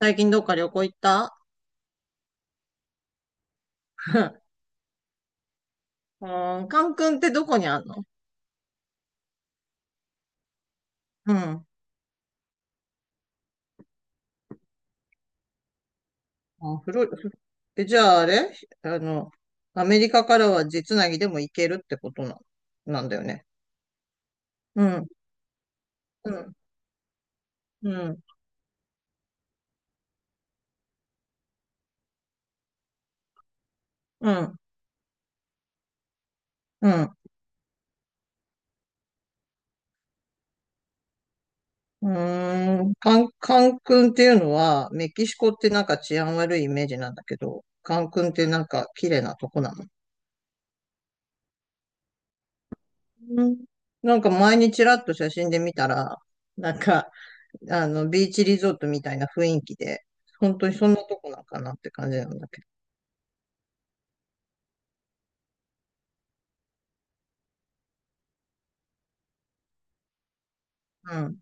最近どっか旅行行った？ うん、カン君ってどこにあんの？うん。あ、フロリ、フ、え、じゃああれ、あの、アメリカからは実なぎでも行けるってことなんだよね。うん、うん、うん、うん、うん。うーん、カン君っていうのは、メキシコってなんか治安悪いイメージなんだけど、カン君ってなんか綺麗なとこなの？うん。なんか前にちらっと写真で見たら、なんか、ビーチリゾートみたいな雰囲気で、本当にそんなとこなんかなって感じなんだけど。うん。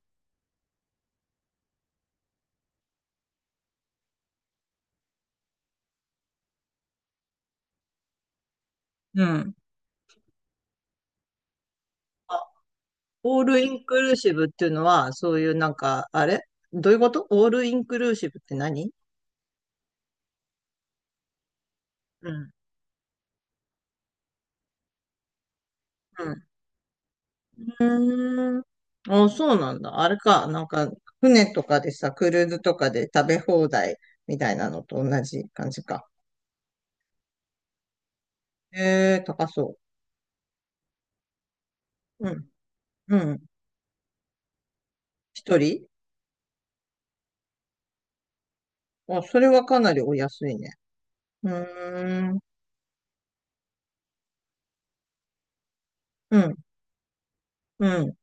うん。あ、オールインクルーシブっていうのは、そういうなんか、あれ、どういうことオールインクルーシブって何？うん。うん。うーん。あ、そうなんだ。あれか。なんか、船とかでさ、クルーズとかで食べ放題みたいなのと同じ感じか。ええ、高そう。うん。うん。一人？あ、それはかなりお安いね。うーん。うん。うん。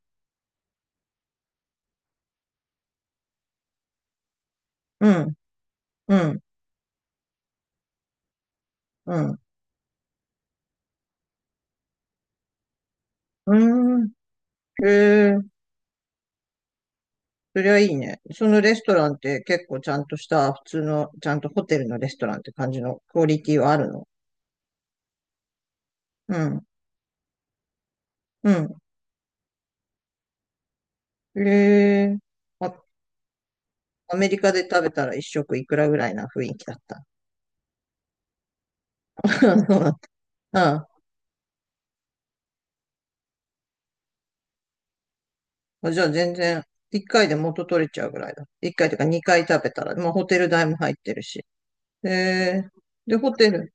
うん。うん、うん。うーん。へえ、そりゃいいね。そのレストランって結構ちゃんとした、普通の、ちゃんとホテルのレストランって感じのクオリティはあるの？うん、うん。へえ。あ、アメリカで食べたら一食いくらぐらいな雰囲気だった？そうなんだ。うん、じゃあ全然、一回で元取れちゃうぐらいだ。一回というか二回食べたら、まあホテル代も入ってるし。へえ。で、ホテル、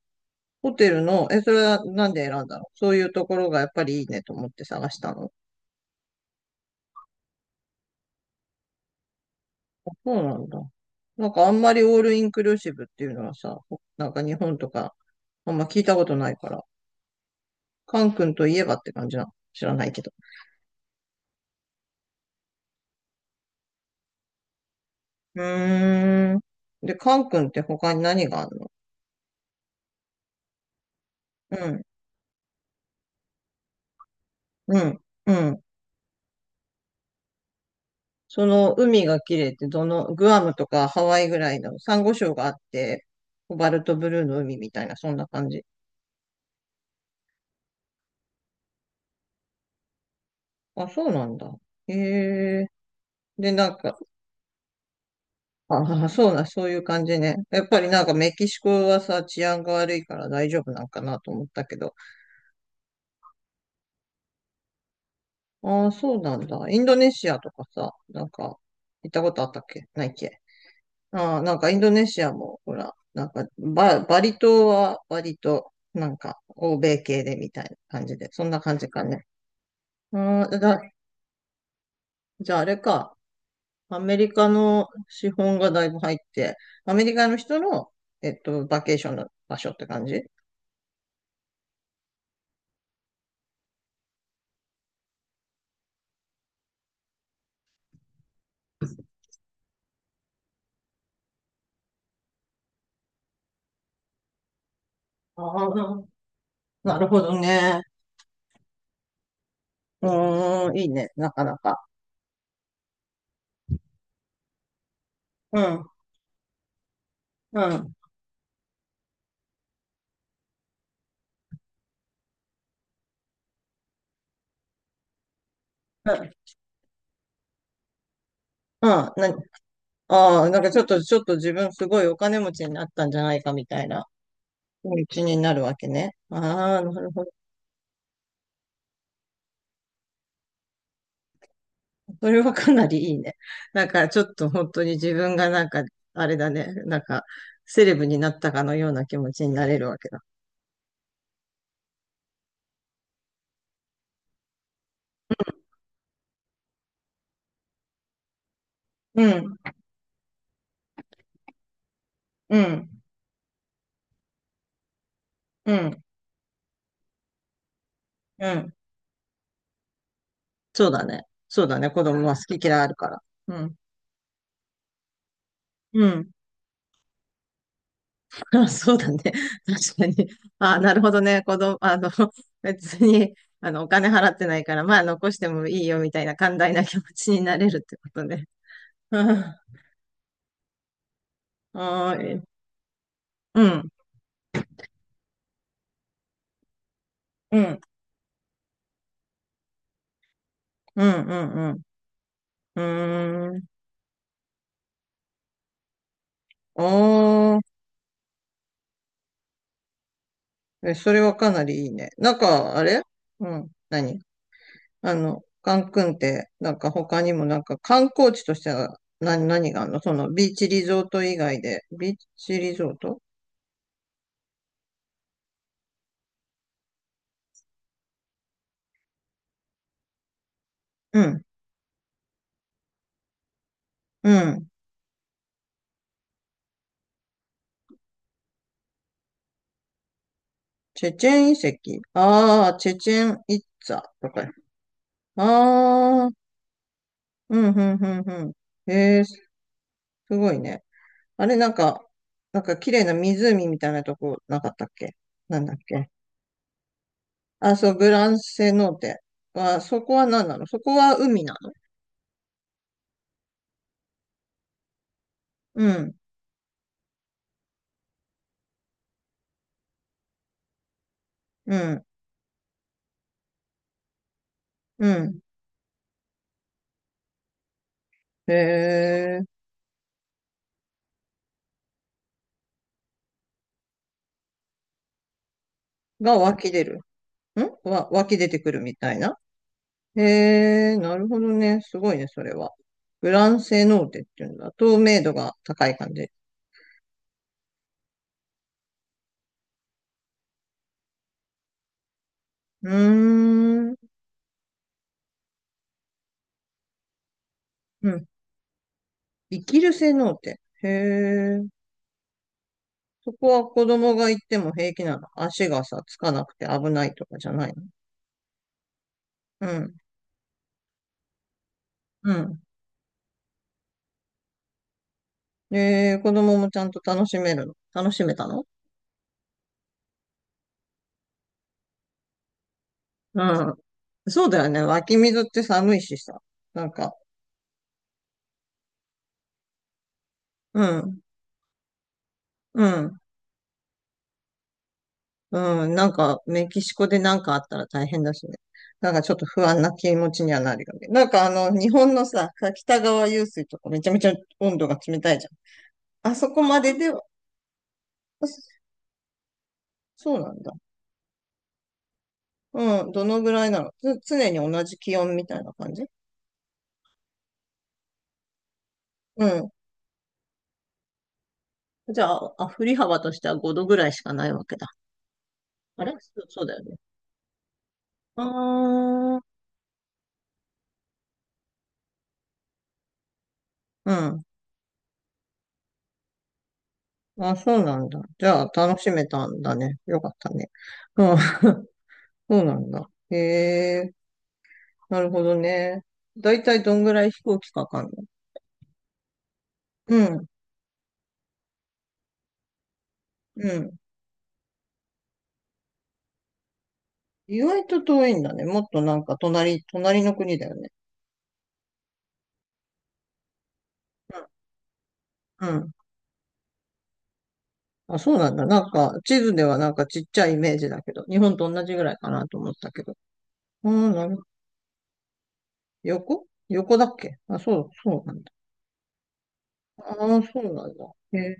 ホテルの、それはなんで選んだの？そういうところがやっぱりいいねと思って探したの？そうなんだ。なんかあんまりオールインクルーシブっていうのはさ、なんか日本とかあんま聞いたことないから、カン君といえばって感じなの。知らないけど。うーん。で、カン君って他に何があるの？うん、うん、うん。その海が綺麗ってどの、グアムとかハワイぐらいのサンゴ礁があって、コバルトブルーの海みたいな、そんな感じ。あ、そうなんだ。へえ。で、なんか、ああ、そうだ、そういう感じね。やっぱりなんかメキシコはさ、治安が悪いから大丈夫なんかなと思ったけど。ああ、そうなんだ。インドネシアとかさ、なんか、行ったことあったっけないっけ？ああ、なんかインドネシアも、ほら、なんかバリ島は割と、なんか、欧米系でみたいな感じで、そんな感じかね。ああ、じゃああれか、アメリカの資本がだいぶ入って、アメリカの人の、バケーションの場所って感じ？ああ、なるほどね。うーん、いいね、なかなか。うん、うん、うん、うん。なああ、なんかちょっと自分すごいお金持ちになったんじゃないかみたいな気持ちになるわけね。ああ、なるほど。それはかなりいいね。なんかちょっと本当に自分がなんか、あれだね、なんか、セレブになったかのような気持ちになれるわけだ。うん、うん、うん、うん。そうだね。そうだね。子供は好き嫌いあるから。うん、うん。あ、そうだね。確かに。あ、なるほどね。子供、別に、お金払ってないから、まあ、残してもいいよ、みたいな寛大な気持ちになれるってことね。ああー、え、うん、うん、うん、うん、うん。うーん。おー、え、それはかなりいいね。なんか、あれ、うん、何、カンクンって、なんか他にもなんか観光地としては何があるの、そのビーチリゾート以外で。ビーチリゾート、うん、うん。チェチェン遺跡。ああ、チェチェンイッツァとか。ああ、うん、うん、うん、うん。ええ、すごいね。あれ、なんか、なんか綺麗な湖みたいなとこなかったっけ？なんだっけ？あ、そう、グランセノーテ。あ、そこは何なの？そこは海なの？うん、うん、うん。へえ、が湧き出る。湧き出てくるみたいな。へえ、なるほどね。すごいね、それは。グランセノーテっていうんだ。透明度が高い感じ。うーん。うん。生きる性能って。へえ。そこは子供が行っても平気なの？足がさ、つかなくて危ないとかじゃないの？うん。うん。子供もちゃんと楽しめるの？楽しめたの？うん。そうだよね。湧き水って寒いしさ。なんか、うん。うん。うん。なんか、メキシコでなんかあったら大変だしね。なんかちょっと不安な気持ちにはなるよね。なんか日本のさ、北川湧水とかめちゃめちゃ温度が冷たいじゃん。あそこまででは、あそそうなんだ。うん、どのぐらいなの？常に同じ気温みたいな感じ？うん。じゃあ、あ、振り幅としては5度ぐらいしかないわけだ。あれ、そう、そうだよね。ああ、うん。あ、そうなんだ。じゃあ、楽しめたんだね。よかったね。うん、そうなんだ。へえ、なるほどね。だいたいどんぐらい飛行機かかんの？うん、うん。意外と遠いんだね。もっとなんか隣、隣の国だよね。うん。うん、あ、そうなんだ。なんか、地図ではなんかちっちゃいイメージだけど、日本と同じぐらいかなと思ったけど。うん、なるほど、横横だっけ？あ、そう、そうなんだ。ああ、そうなんだ。へ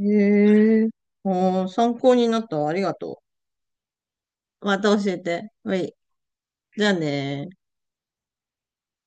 え。へえ。ああ、参考になったわ。ありがとう。また教えて。はい。じゃあねー